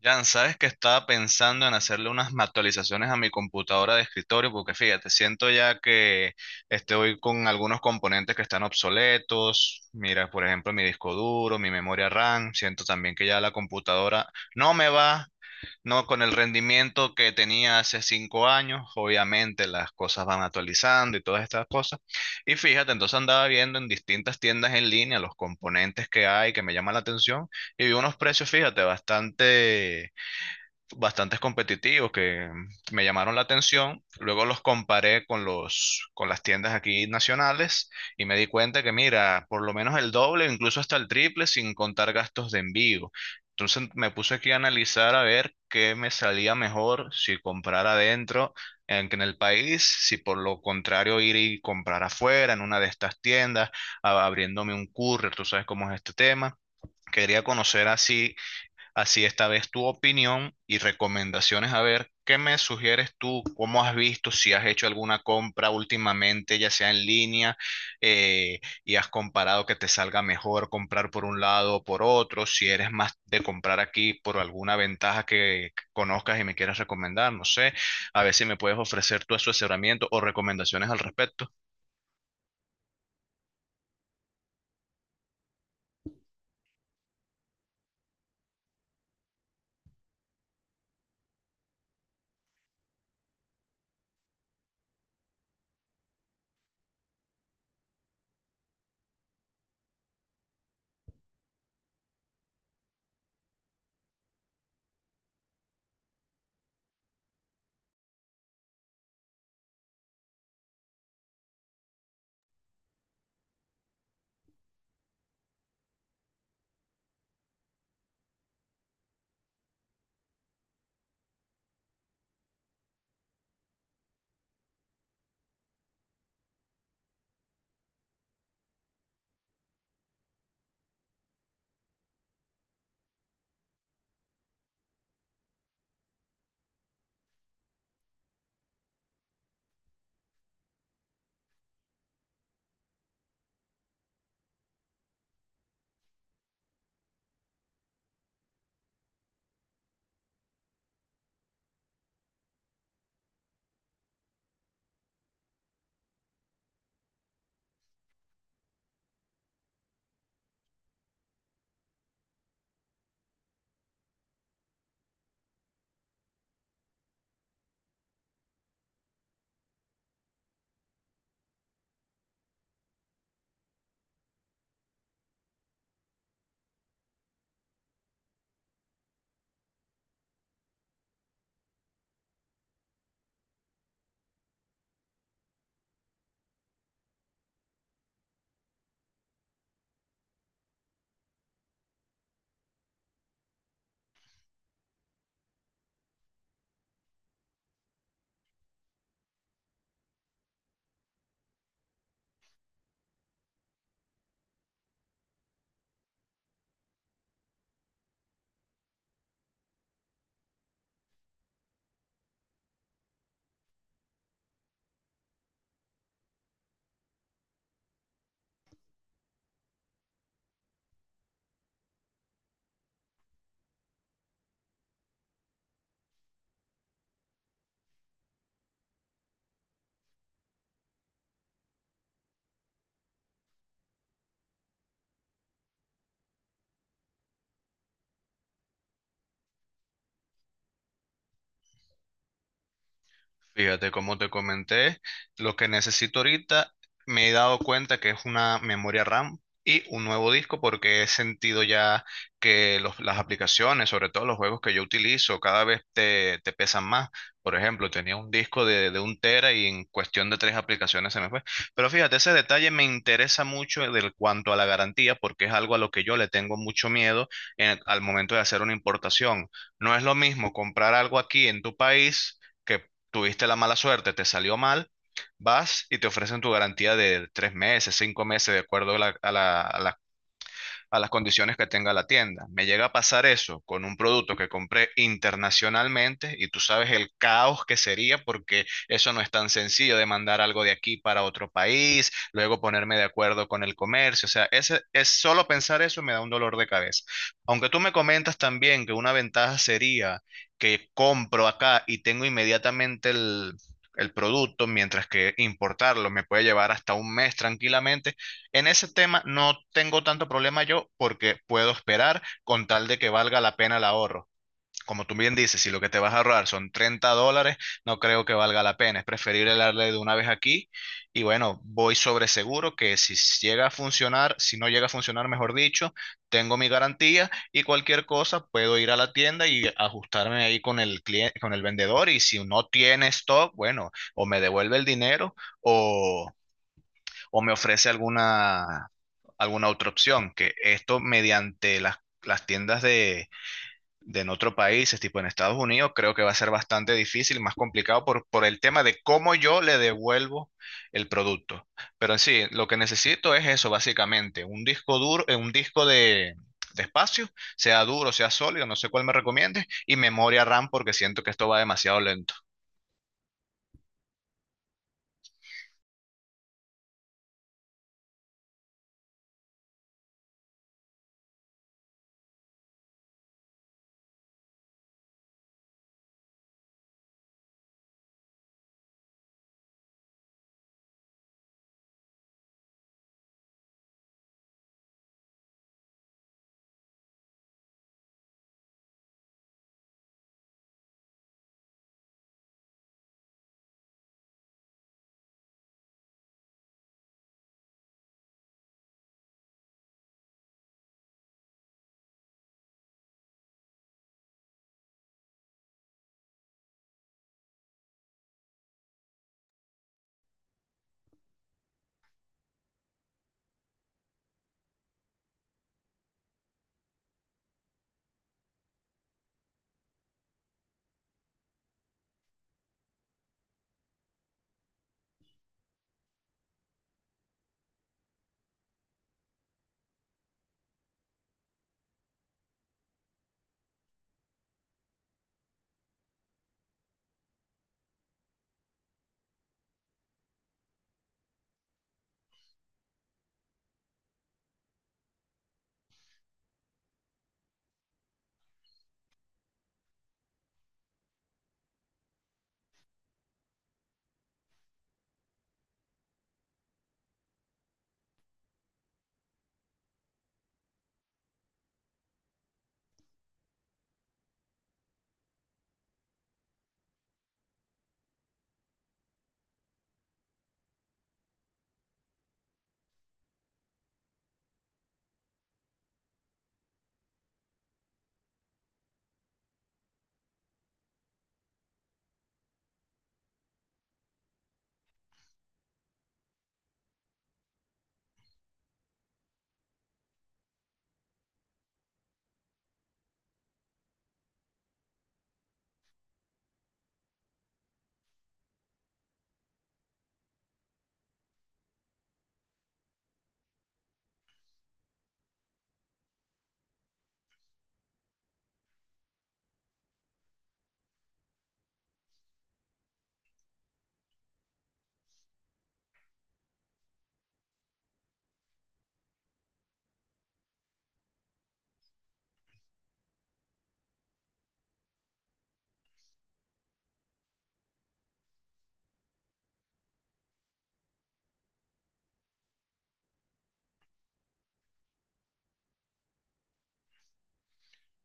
Jan, sabes que estaba pensando en hacerle unas actualizaciones a mi computadora de escritorio, porque fíjate, siento ya que estoy con algunos componentes que están obsoletos. Mira, por ejemplo, mi disco duro, mi memoria RAM. Siento también que ya la computadora no me va, no con el rendimiento que tenía hace 5 años. Obviamente las cosas van actualizando y todas estas cosas. Y fíjate, entonces andaba viendo en distintas tiendas en línea los componentes que hay que me llaman la atención y vi unos precios, fíjate, bastantes competitivos que me llamaron la atención. Luego los comparé con con las tiendas aquí nacionales y me di cuenta que, mira, por lo menos el doble, incluso hasta el triple, sin contar gastos de envío. Entonces me puse aquí a analizar a ver qué me salía mejor si comprar adentro en el país, si por lo contrario ir y comprar afuera en una de estas tiendas, abriéndome un courier, tú sabes cómo es este tema. Quería conocer así Así esta vez tu opinión y recomendaciones. A ver, ¿qué me sugieres tú? ¿Cómo has visto? Si has hecho alguna compra últimamente, ya sea en línea, y has comparado que te salga mejor comprar por un lado o por otro. Si eres más de comprar aquí por alguna ventaja que conozcas y me quieras recomendar, no sé. A ver si me puedes ofrecer tu asesoramiento o recomendaciones al respecto. Fíjate, como te comenté, lo que necesito ahorita me he dado cuenta que es una memoria RAM y un nuevo disco porque he sentido ya que las aplicaciones, sobre todo los juegos que yo utilizo, cada vez te pesan más. Por ejemplo, tenía un disco de un tera y en cuestión de tres aplicaciones se me fue. Pero fíjate, ese detalle me interesa mucho del cuanto a la garantía porque es algo a lo que yo le tengo mucho miedo al momento de hacer una importación. No es lo mismo comprar algo aquí en tu país, tuviste la mala suerte, te salió mal, vas y te ofrecen tu garantía de 3 meses, 5 meses, de acuerdo a la a las condiciones que tenga la tienda. Me llega a pasar eso con un producto que compré internacionalmente y tú sabes el caos que sería porque eso no es tan sencillo de mandar algo de aquí para otro país, luego ponerme de acuerdo con el comercio. O sea, ese, es solo pensar eso me da un dolor de cabeza. Aunque tú me comentas también que una ventaja sería que compro acá y tengo inmediatamente el producto, mientras que importarlo me puede llevar hasta un mes tranquilamente. En ese tema no tengo tanto problema yo porque puedo esperar con tal de que valga la pena el ahorro. Como tú bien dices, si lo que te vas a ahorrar son $30, no creo que valga la pena. Es preferible darle de una vez aquí y bueno, voy sobre seguro que si llega a funcionar, si no llega a funcionar, mejor dicho, tengo mi garantía y cualquier cosa puedo ir a la tienda y ajustarme ahí con el cliente, con el vendedor y si no tiene stock, bueno, o me devuelve el dinero o me ofrece alguna, alguna otra opción, que esto mediante las tiendas de en otro país, es tipo en Estados Unidos, creo que va a ser bastante difícil, más complicado por el tema de cómo yo le devuelvo el producto. Pero en sí, lo que necesito es eso, básicamente, un disco duro, un disco de espacio, sea duro, sea sólido, no sé cuál me recomiendes, y memoria RAM porque siento que esto va demasiado lento.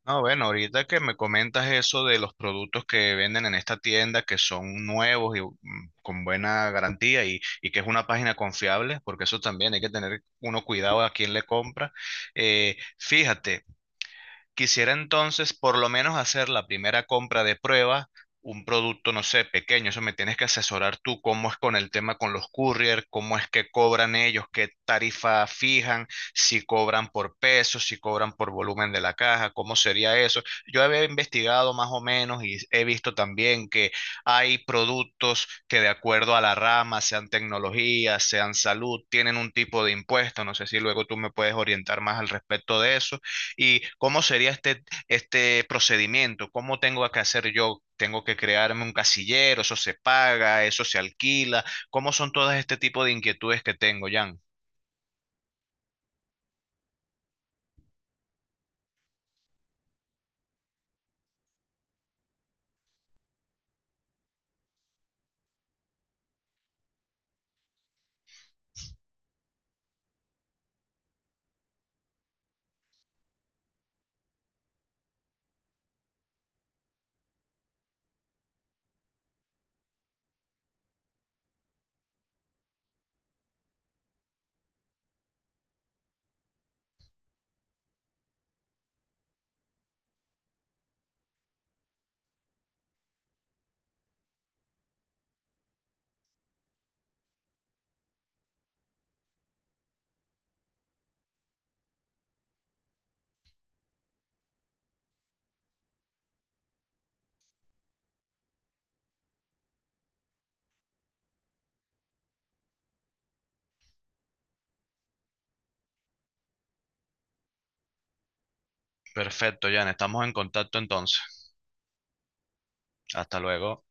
No, bueno, ahorita que me comentas eso de los productos que venden en esta tienda que son nuevos y con buena garantía y que es una página confiable, porque eso también hay que tener uno cuidado a quién le compra. Fíjate. Quisiera entonces por lo menos hacer la primera compra de prueba, un producto, no sé, pequeño. Eso me tienes que asesorar tú, cómo es con el tema con los courier, cómo es que cobran ellos, qué tarifa fijan, si cobran por peso, si cobran por volumen de la caja, cómo sería eso. Yo había investigado más o menos y he visto también que hay productos que de acuerdo a la rama, sean tecnología, sean salud, tienen un tipo de impuesto. No sé si luego tú me puedes orientar más al respecto de eso. ¿Y cómo sería este procedimiento? ¿Cómo tengo que hacer yo? ¿Tengo que crearme un casillero? ¿Eso se paga? ¿Eso se alquila? ¿Cómo son todas este tipo de inquietudes que tengo, Jan? Perfecto, Jan. Estamos en contacto entonces. Hasta luego.